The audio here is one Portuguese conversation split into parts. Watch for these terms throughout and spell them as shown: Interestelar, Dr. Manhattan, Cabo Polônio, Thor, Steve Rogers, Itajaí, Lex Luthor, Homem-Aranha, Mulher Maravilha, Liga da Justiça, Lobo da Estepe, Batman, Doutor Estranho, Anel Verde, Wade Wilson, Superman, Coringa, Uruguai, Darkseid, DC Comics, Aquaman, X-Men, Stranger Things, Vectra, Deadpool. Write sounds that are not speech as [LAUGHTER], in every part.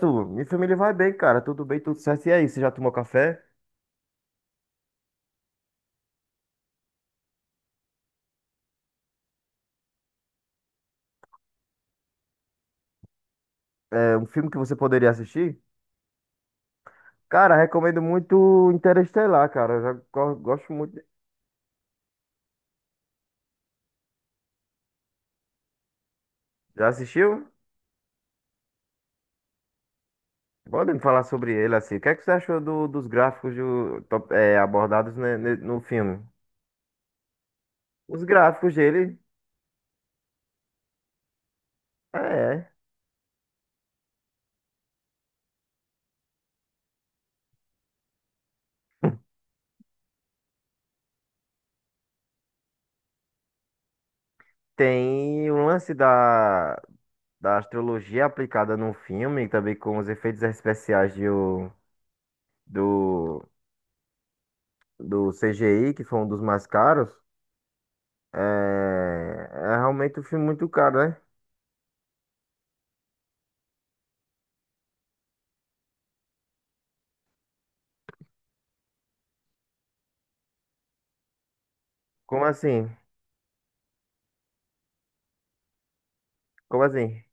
Minha família vai bem, cara. Tudo bem, tudo certo. E aí, você já tomou café? É um filme que você poderia assistir? Cara, recomendo muito Interestelar, cara. Eu já gosto muito. Já assistiu? Podem falar sobre ele, assim. O que é que você achou dos gráficos abordados, né, no filme? Os gráficos dele, é. Tem o lance da astrologia aplicada no filme, também com os efeitos especiais do, do CGI, que foi um dos mais caros. É, é realmente um filme muito caro, né? Como assim? Como assim?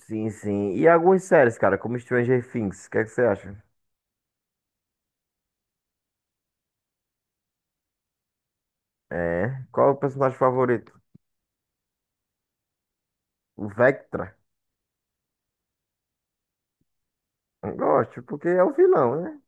Sim, sim. E algumas séries, cara, como Stranger Things, o que é que você acha? É. Qual é o personagem favorito? O Vectra? Eu gosto, porque é o vilão, né?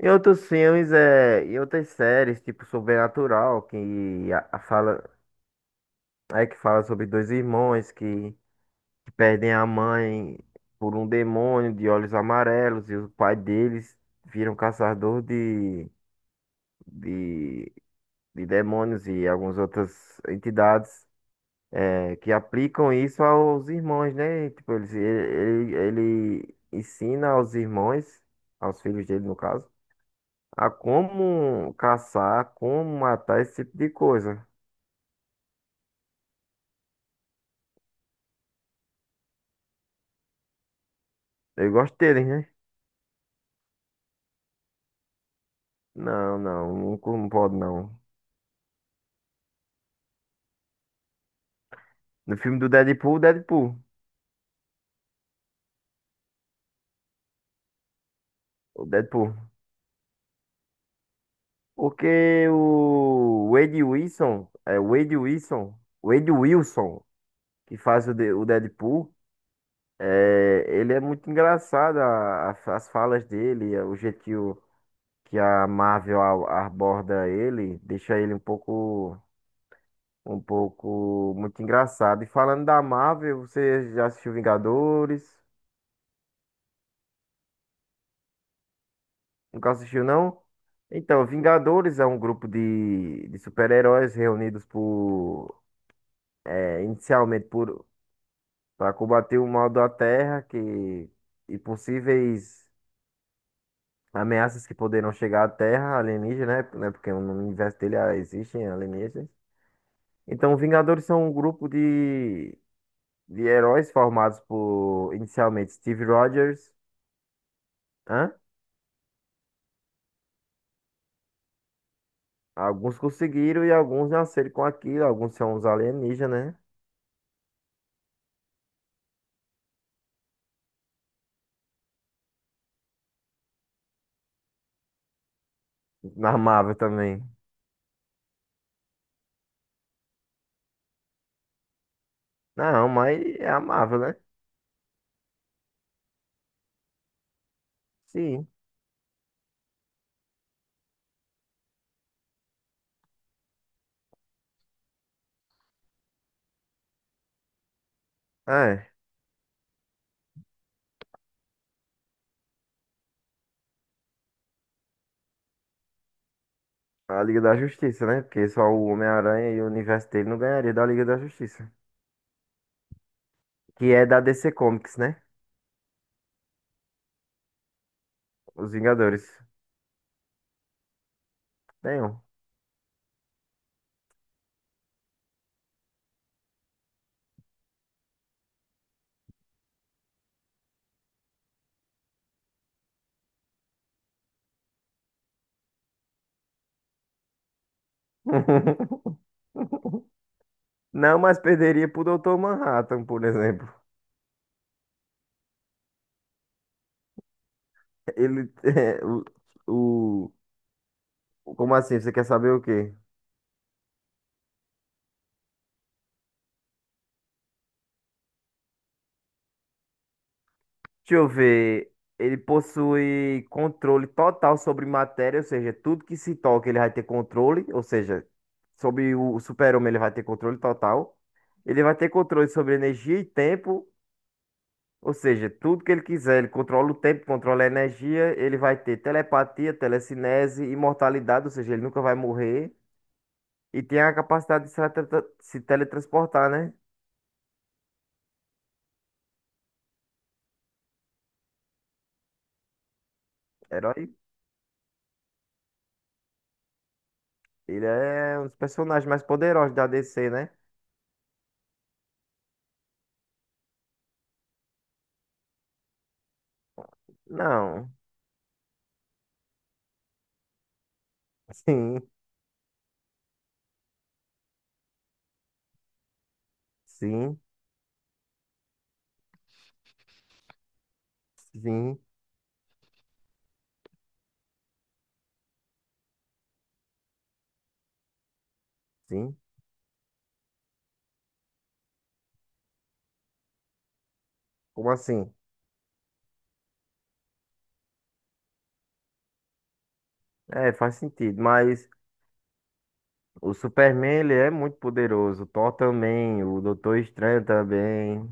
E outros filmes, e outras séries, tipo Sobrenatural, que a fala, é que fala sobre dois irmãos que perdem a mãe por um demônio de olhos amarelos e o pai deles viram caçador de de demônios e algumas outras entidades, que aplicam isso aos irmãos, né? Tipo, ele ensina aos irmãos, aos filhos dele, no caso, a como caçar, como matar esse tipo de coisa. Eu gosto deles, né? Não, não, não, não pode não. No filme do Deadpool, Deadpool. O Deadpool. Porque o Wade Wilson, é Wade Wilson, que faz o Deadpool. Ele é muito engraçado, as falas dele, o jeito que a Marvel aborda ele, deixa ele um pouco muito engraçado. E falando da Marvel, você já assistiu Vingadores? Nunca assistiu, não? Então, Vingadores é um grupo de super-heróis reunidos inicialmente por, para combater o mal da Terra, que e possíveis. Ameaças que poderão chegar à Terra, alienígena, né, porque no universo dele existem alienígenas. Então, Vingadores são um grupo de heróis formados por, inicialmente, Steve Rogers. Hã? Alguns conseguiram e alguns nasceram com aquilo. Alguns são os alienígenas, né? Na Marvel também. Não, mas é a Marvel, né? Sim. É. A Liga da Justiça, né? Porque só o Homem-Aranha e o universo dele não ganharia da Liga da Justiça. Que é da DC Comics, né? Os Vingadores. Tem um. [LAUGHS] Não, mas perderia pro Dr. Manhattan, por exemplo. Ele é, o- o- Como assim? Você quer saber o quê? Deixa eu ver. Ele possui controle total sobre matéria, ou seja, tudo que se toca ele vai ter controle, ou seja, sobre o super-homem ele vai ter controle total. Ele vai ter controle sobre energia e tempo, ou seja, tudo que ele quiser, ele controla o tempo, controla a energia, ele vai ter telepatia, telecinese, imortalidade, ou seja, ele nunca vai morrer. E tem a capacidade de se teletransportar, né? Herói, ele é um dos personagens mais poderosos da DC, né? Não. [LAUGHS] Sim, sim, sim, sim. Como assim? Faz sentido, mas o Superman, ele é muito poderoso. O Thor também, o Doutor Estranho também.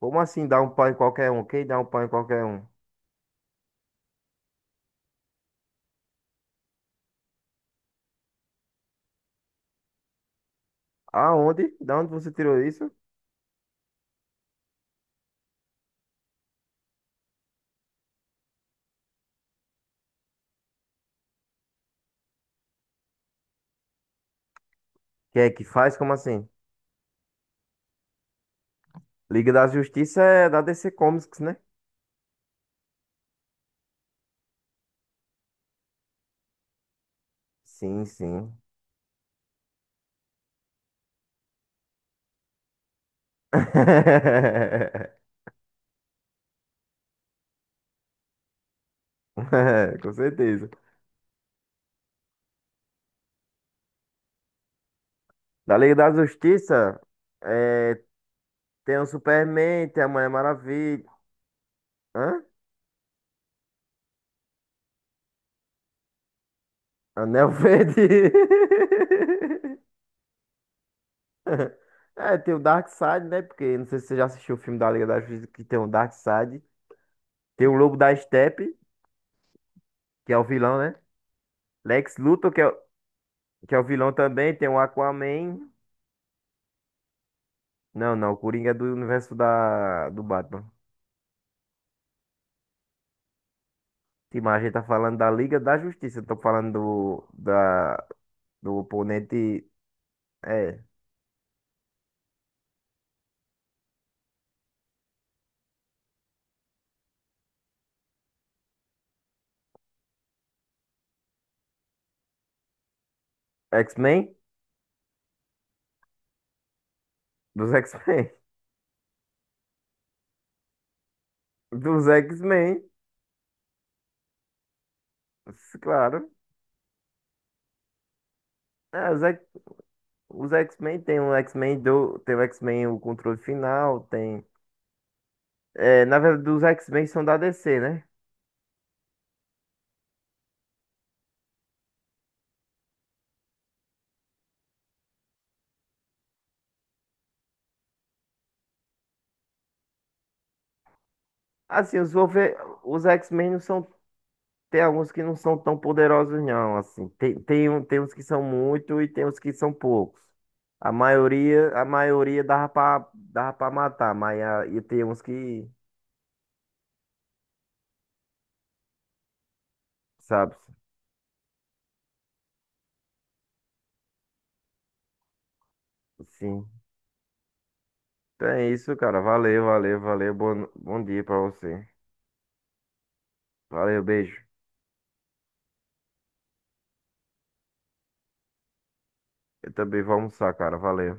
Como assim dá um pau em qualquer um? Quem dá um pau em qualquer um? Aonde? Da onde você tirou isso? Quem é que faz? Como assim? Liga da Justiça é da DC Comics, né? Sim, sim. [LAUGHS] Com certeza. Da Liga da Justiça, é, tem o Superman, tem a Mulher Maravilha. Hã? Anel Verde. [LAUGHS] É, tem o Darkseid, né? Porque não sei se você já assistiu o filme da Liga da Justiça que tem o Darkseid. Tem o Lobo da Estepe, que é o vilão, né? Lex Luthor, que é o vilão também. Tem o Aquaman. Não, não, o Coringa é do universo do Batman. Sim, mas a gente tá falando da Liga da Justiça. Não tô falando do oponente. É. X-Men? Dos X-Men. [LAUGHS] Dos X-Men. Claro. É, os X- os X-Men tem o X-Men do. Tem o X-Men o controle final. Tem. Na verdade, os X-Men são da DC, né? Assim, os X-Men não são. Tem alguns que não são tão poderosos, não. Assim, tem uns que são muito e tem uns que são poucos. A maioria dava pra matar, mas e tem uns que, sabe, sim. Então é isso, cara. Valeu, valeu, valeu. Bom dia pra você. Valeu, beijo. Eu também vou almoçar, cara. Valeu.